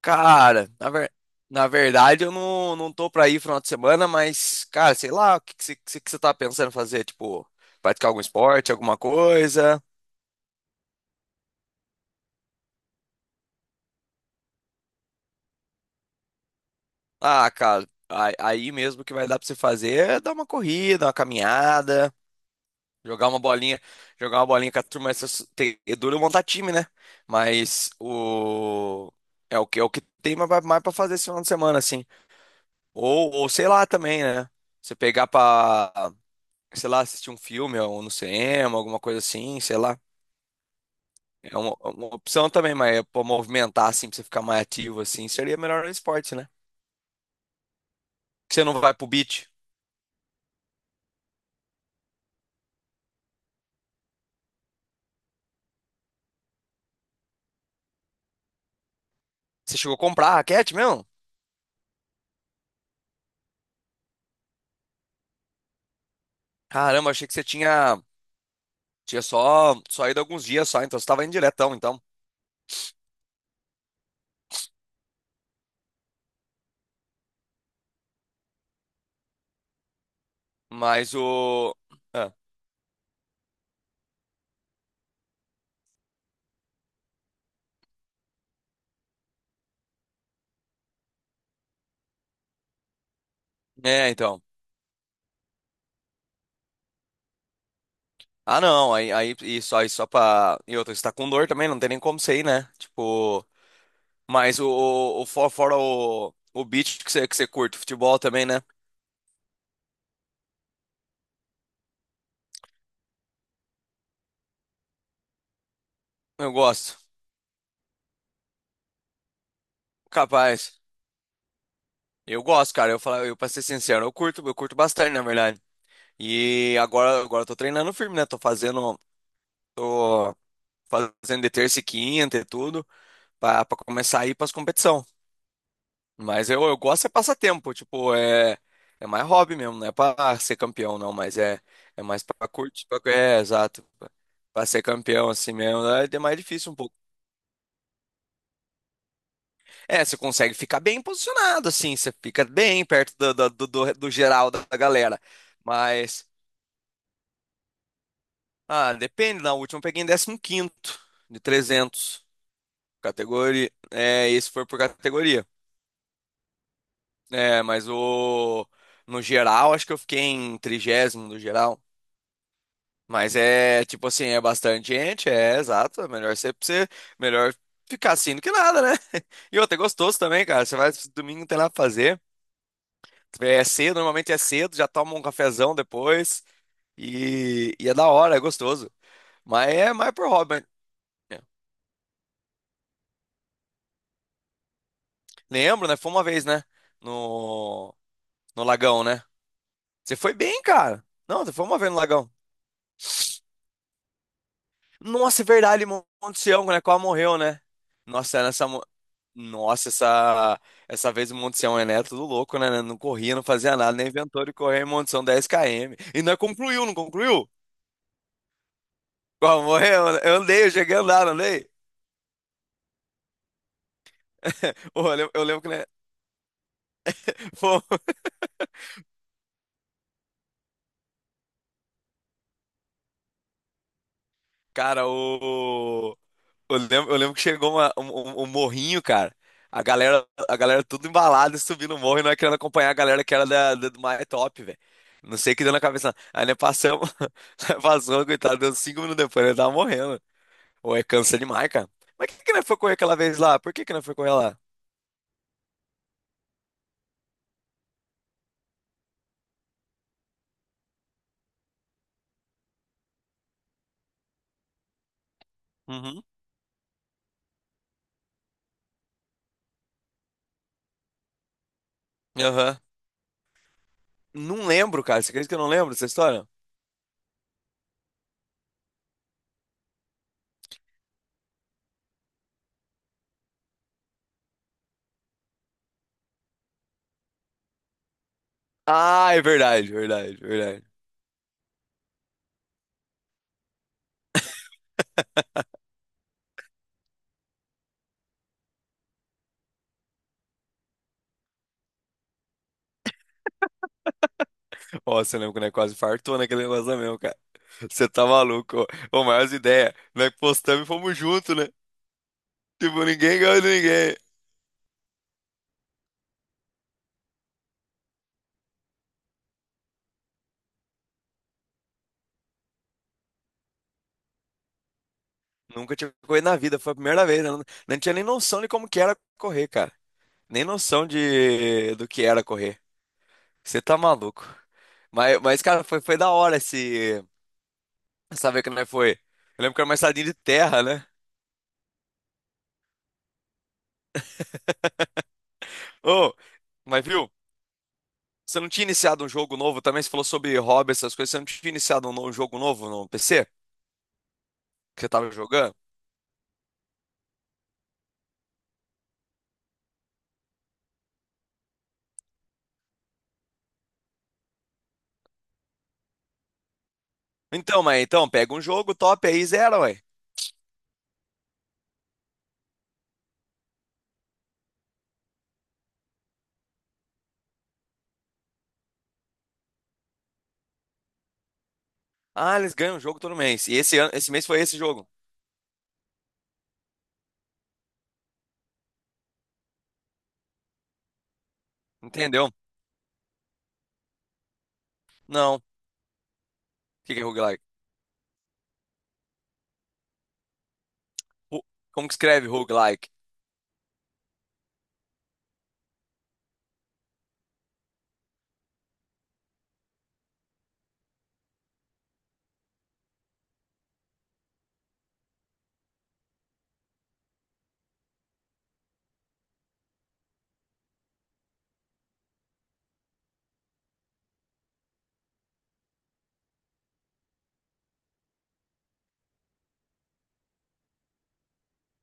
Cara, na verdade eu não tô pra ir final de semana, mas, cara, sei lá, o que que você tá pensando em fazer? Tipo, praticar algum esporte, alguma coisa? Ah, cara, aí mesmo que vai dar pra você fazer é dar uma corrida, uma caminhada, jogar uma bolinha, jogar uma bolinha com a turma. Essas, tem, é duro montar time, né? Mas o. É o que tem mais pra fazer esse final de semana, assim. Ou sei lá também, né? Você pegar pra, sei lá, assistir um filme ou no cinema, alguma coisa assim, sei lá. É uma opção também, mas é pra movimentar, assim, pra você ficar mais ativo, assim, seria melhor no esporte, né? Você não vai pro beach. Você chegou a comprar a raquete mesmo? Caramba, achei que você tinha só ido alguns dias só, então você tava indo diretão, então. Mas o. ah, É, então. Ah, não, e só pra. E outra, você tá com dor também, não tem nem como você ir, né? Tipo. Mas fora o beat que você curte, futebol também, né? Eu gosto. Capaz. Eu gosto, cara. Eu falo, eu pra ser sincero, eu curto bastante, na verdade. E agora eu tô treinando firme, né? Tô fazendo de terça e quinta e tudo, pra começar a ir pras competição. Mas eu gosto é passatempo, tipo, é mais hobby mesmo, não é pra ser campeão, não, mas é mais pra curtir, pra, é, exato. Pra ser campeão assim mesmo, é mais difícil um pouco. É, você consegue ficar bem posicionado, assim, você fica bem perto do geral da galera. Mas, ah, depende, na última eu peguei em 15º de 300, categoria, é, esse foi por categoria. É, no geral, acho que eu fiquei em 30º no geral. Mas é, tipo assim, é bastante gente, é, exato, é melhor melhor ficar assim do que nada, né? E outra, é gostoso também, cara, você vai, domingo não tem nada pra fazer. É cedo, normalmente é cedo, já toma um cafezão depois. E é da hora, é gostoso. Mas é mais por hobby. É, Lembro, né? Foi uma vez, né? No, no Lagão, né? Você foi bem, cara. Não, você foi uma vez no Lagão. Nossa, é verdade, Monte Sião, né? Quase morreu, né? Nossa, é nessa. Nossa, essa vez o Monte Sião é neto, tudo louco, né? Né, não corria, não fazia nada, nem inventou de correr em Monte Sião 10 km. E não concluiu, não concluiu? Quase morreu, né? Eu cheguei a andar, não andei. Ô, eu lembro, que, né? Pô, cara, o. eu lembro, que chegou um morrinho, cara. A galera tudo embalada, subindo o morro e nós querendo acompanhar a galera que era do My Top, velho. Não sei o que deu na cabeça. Aí nós passamos, nós passamos, coitado, deu 5 minutos depois, ele tava morrendo. Ou é cansa demais, cara. Mas por que que nós foi correr aquela vez lá? Por que que nós foi correr lá? Uhum. Aham. Não lembro, cara. Você acredita que eu não lembro dessa história? Ah, é verdade, verdade, verdade. Ó, você lembra quando é quase fartou naquele negócio lá mesmo, cara. Você tá maluco, ó. Ô, maiores ideia. Nós postamos e fomos juntos, né? Tipo, ninguém ganhou de ninguém. Nunca tinha corrido na vida, foi a primeira vez, né? Não, não tinha nem noção de como que era correr, cara. Nem noção de do que era correr. Você tá maluco. Mas cara, foi da hora essa vez que nós foi. Eu lembro que era uma estradinha de terra, né? Ô, mas viu? Você não tinha iniciado um jogo novo também? Você falou sobre hobby, essas coisas. Você não tinha iniciado um jogo novo no PC? Que você tava jogando? Então, mas então, pega um jogo top aí, zero, ué. Ah, eles ganham um jogo todo mês. E esse ano, esse mês foi esse jogo. Entendeu? Não. O que que é roguelike? Ru- Como que escreve roguelike?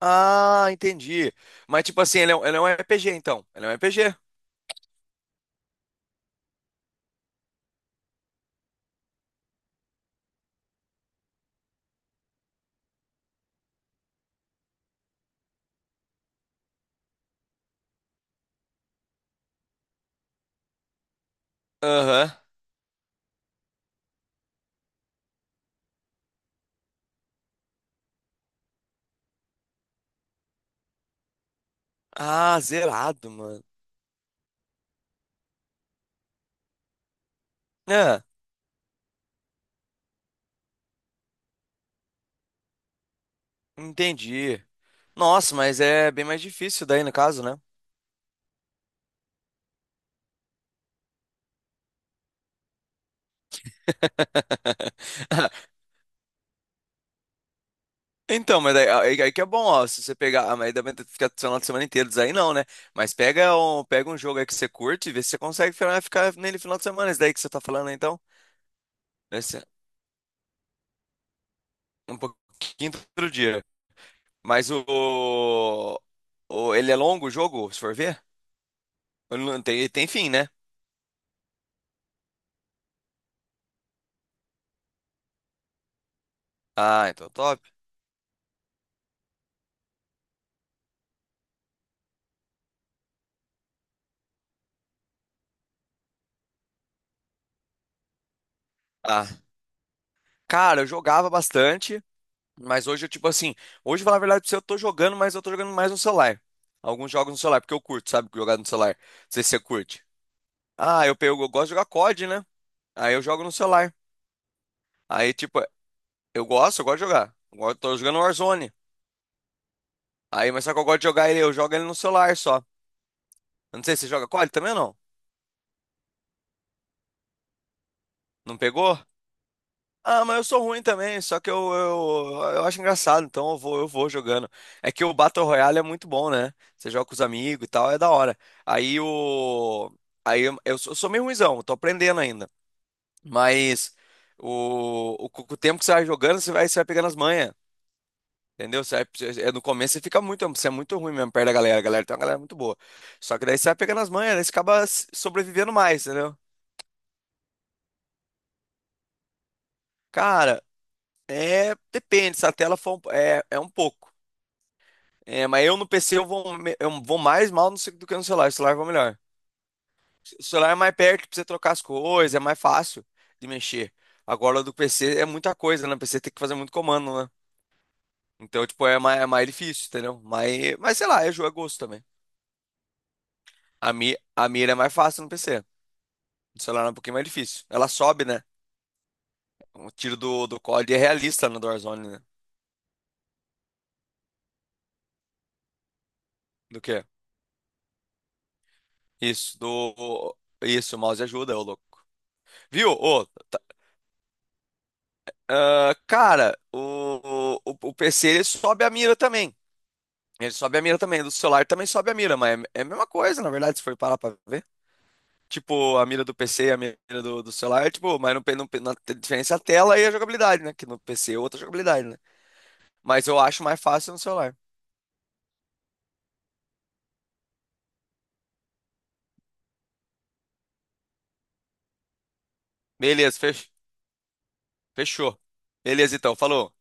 Ah, entendi. Mas tipo assim, ele é um RPG, então. Ele é um RPG. Aham. Ah, zerado, mano. É, entendi. Nossa, mas é bem mais difícil daí no caso, né? Então, mas aí que é bom, ó. Se você pegar. Mas aí dá pra ficar do final de semana inteiro, isso aí não, né? Mas pega um jogo aí que você curte e vê se você consegue ficar nele final de semana. Isso daí que você tá falando, né, então. Esse, um pouquinho do outro dia. Mas o, Ele é longo o jogo, se for ver? Ele não tem fim, né? Ah, então top. Ah, cara, eu jogava bastante, mas hoje eu, tipo assim. Hoje, pra falar a verdade pra você, eu tô jogando, mas eu tô jogando mais no celular. Alguns jogos no celular, porque eu curto, sabe? Jogar no celular. Não sei se você curte. Ah, eu gosto de jogar COD, né? Aí eu jogo no celular. Aí, tipo, eu gosto de jogar. Agora eu tô jogando Warzone. Aí, mas só que eu gosto de jogar ele, eu jogo ele no celular só. Eu não sei se você joga COD também ou não. Não pegou? Ah, mas eu sou ruim também, só que eu acho engraçado, então eu vou jogando. É que o Battle Royale é muito bom, né? Você joga com os amigos e tal, é da hora. Aí o. Aí eu sou meio ruinzão, eu tô aprendendo ainda. Mas com o tempo que você vai jogando, você vai pegando as manhas. Entendeu? É, no começo você fica muito, você é muito ruim mesmo perto da galera. A galera tem uma galera muito boa. Só que daí você vai pegando as manhas, daí você acaba sobrevivendo mais, entendeu? Cara, é, depende, se a tela for, é um pouco. É, mas eu no PC eu vou mais mal do que no celular, o celular vai melhor. O celular é mais perto pra você trocar as coisas, é mais fácil de mexer. Agora do PC é muita coisa, né? O PC tem que fazer muito comando, né? Então, tipo, é mais difícil, entendeu? Mas sei lá, é jogo, é gosto também. A mira é mais fácil no PC. No celular é um pouquinho mais difícil. Ela sobe, né? O tiro do COD é realista no Warzone, né? Do quê? Isso, do. Isso, o mouse ajuda, ô louco. Viu? Ô, cara, o PC ele sobe a mira também. Ele sobe a mira também. Do celular também sobe a mira, mas é a mesma coisa, na verdade, se for parar pra ver. Tipo, a mira do PC e a mira do celular, tipo, mas no, pe- no, pe- na a diferença é a tela e a jogabilidade, né? Que no PC é outra jogabilidade, né? Mas eu acho mais fácil no celular. Beleza, fechou. Fechou. Beleza, então. Falou.